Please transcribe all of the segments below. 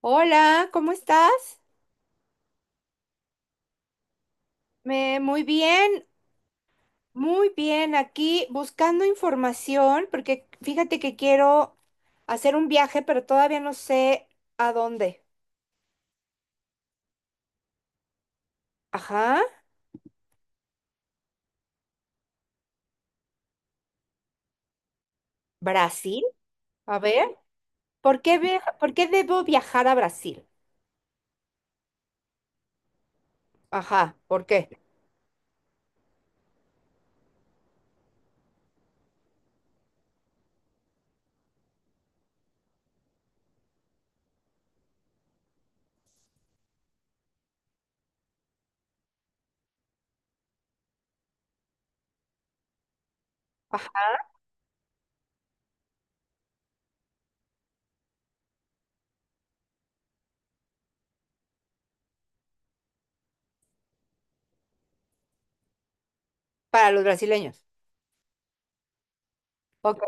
Hola, ¿cómo estás? Muy bien, muy bien. Aquí buscando información, porque fíjate que quiero hacer un viaje, pero todavía no sé a dónde. Ajá, Brasil. A ver, por qué debo viajar a Brasil? Ajá, ¿por qué? Ajá, para los brasileños. Ok,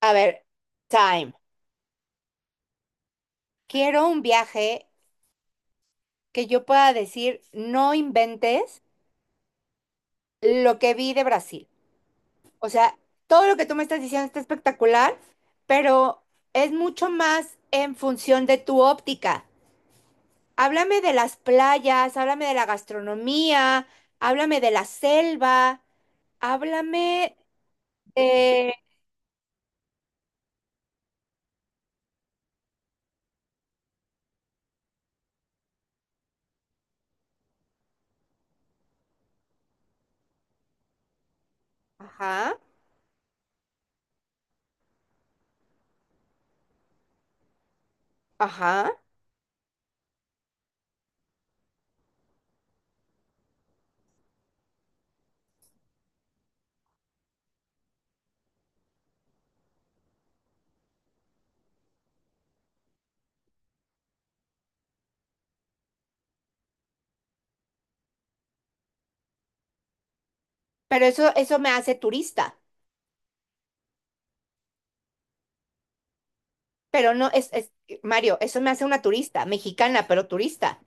a ver, time. Quiero un viaje que yo pueda decir, no inventes lo que vi de Brasil. O sea, todo lo que tú me estás diciendo está espectacular, pero es mucho más en función de tu óptica. Háblame de las playas, háblame de la gastronomía, háblame de la selva, háblame de... Ajá, ajá. Pero eso me hace turista. Pero no, es, Mario, eso me hace una turista, mexicana, pero turista.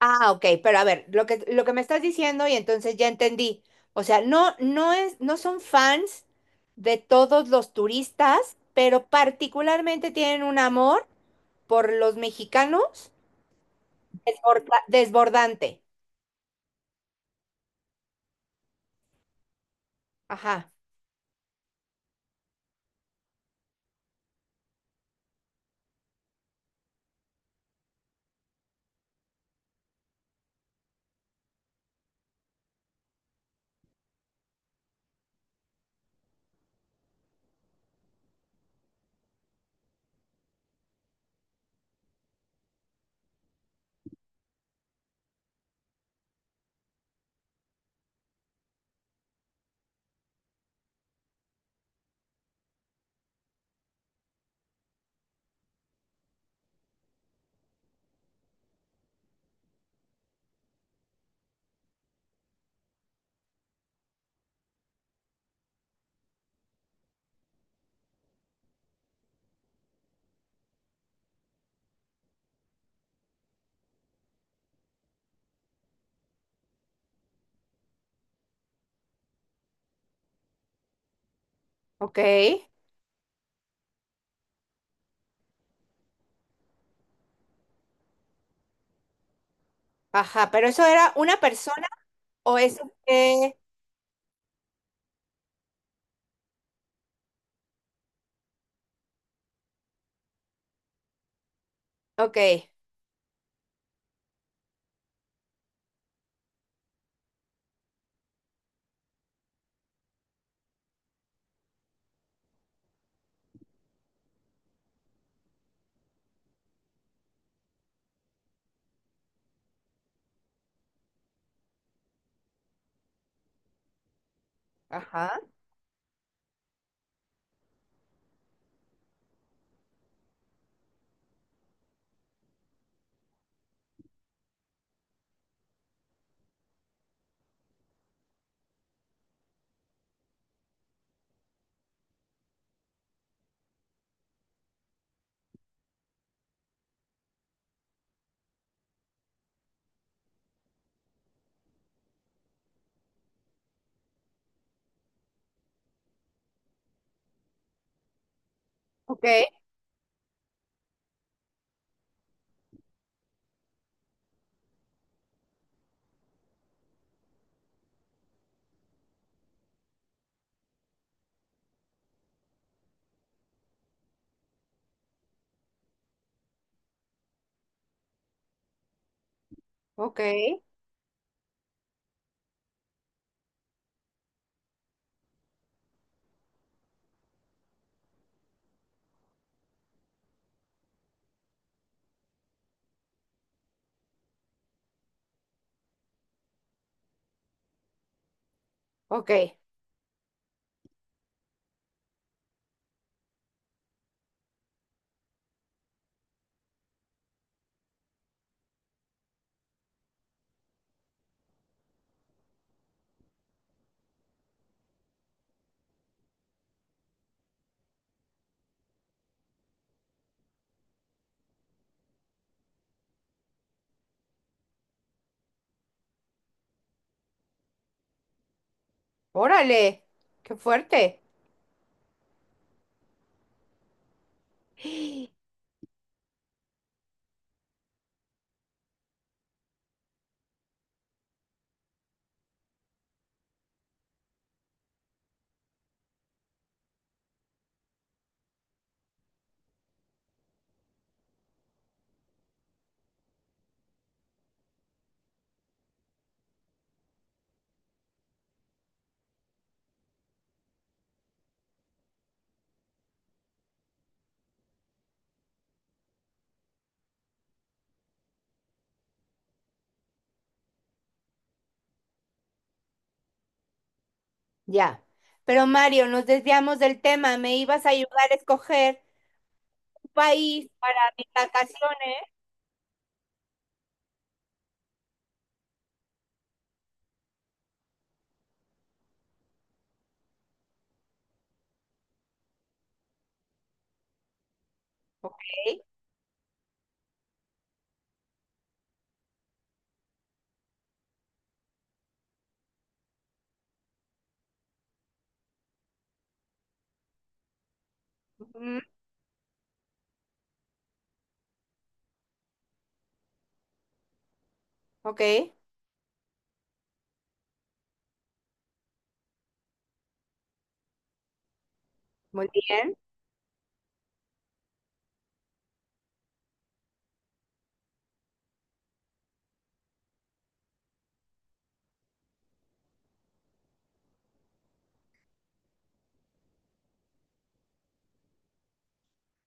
Ah, ok, pero a ver, lo que me estás diciendo y entonces ya entendí. O sea, no, no es, no son fans de todos los turistas, pero particularmente tienen un amor por los mexicanos desbordante. Ajá, ok, ajá, pero eso era una persona o eso que... Ok, ajá, ok, ok, ok. Órale, qué fuerte. Ya. Pero Mario, nos desviamos del tema. Me ibas a ayudar a escoger un país para mis vacaciones. Ok, ujú, ok. Muy bien.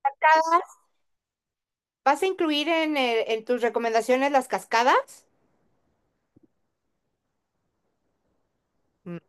Cascadas. ¿Vas a incluir en, en tus recomendaciones las cascadas? Mm,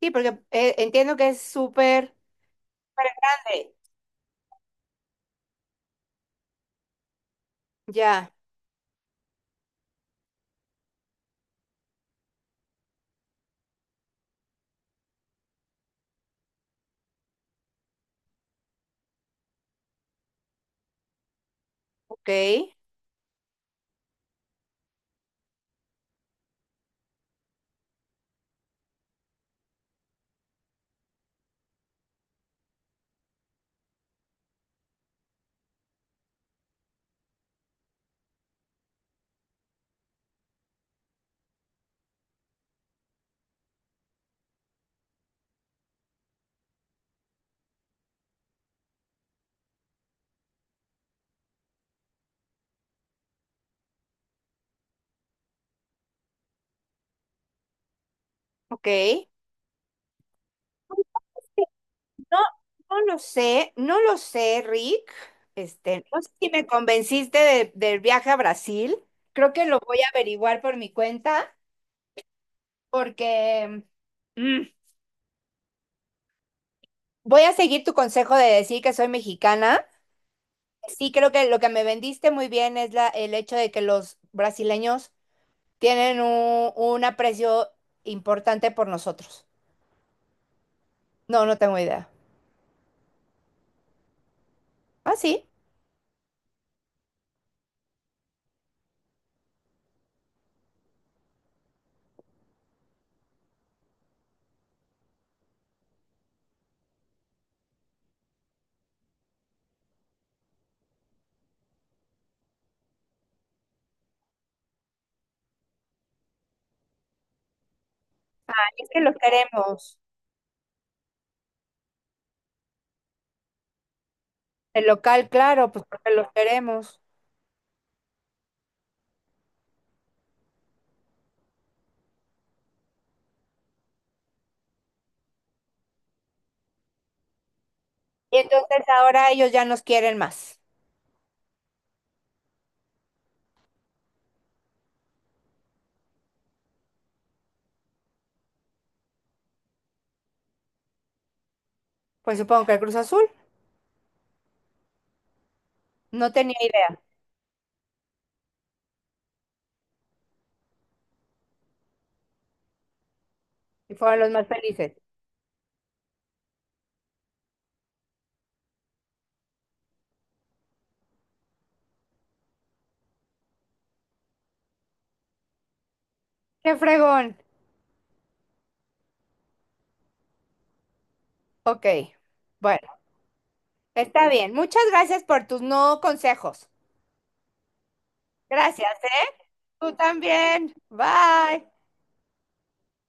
sí, porque entiendo que es súper súper grande. Ya. Ok. Ok. No, no lo sé. No lo sé, Rick. No sé si me convenciste del viaje a Brasil. Creo que lo voy a averiguar por mi cuenta, porque mm, voy a seguir tu consejo de decir que soy mexicana. Sí, creo que lo que me vendiste muy bien es la, el hecho de que los brasileños tienen un aprecio importante por nosotros. No, no tengo idea. Ah, sí. Es que los queremos. El local, claro, pues porque los queremos. Y entonces ahora ellos ya nos quieren más. Pues supongo que el Cruz Azul. No tenía idea. Y fueron los más felices. ¡Qué fregón! Ok. Bueno. Está bien. Muchas gracias por tus no consejos. Gracias, ¿eh? Tú también. Bye.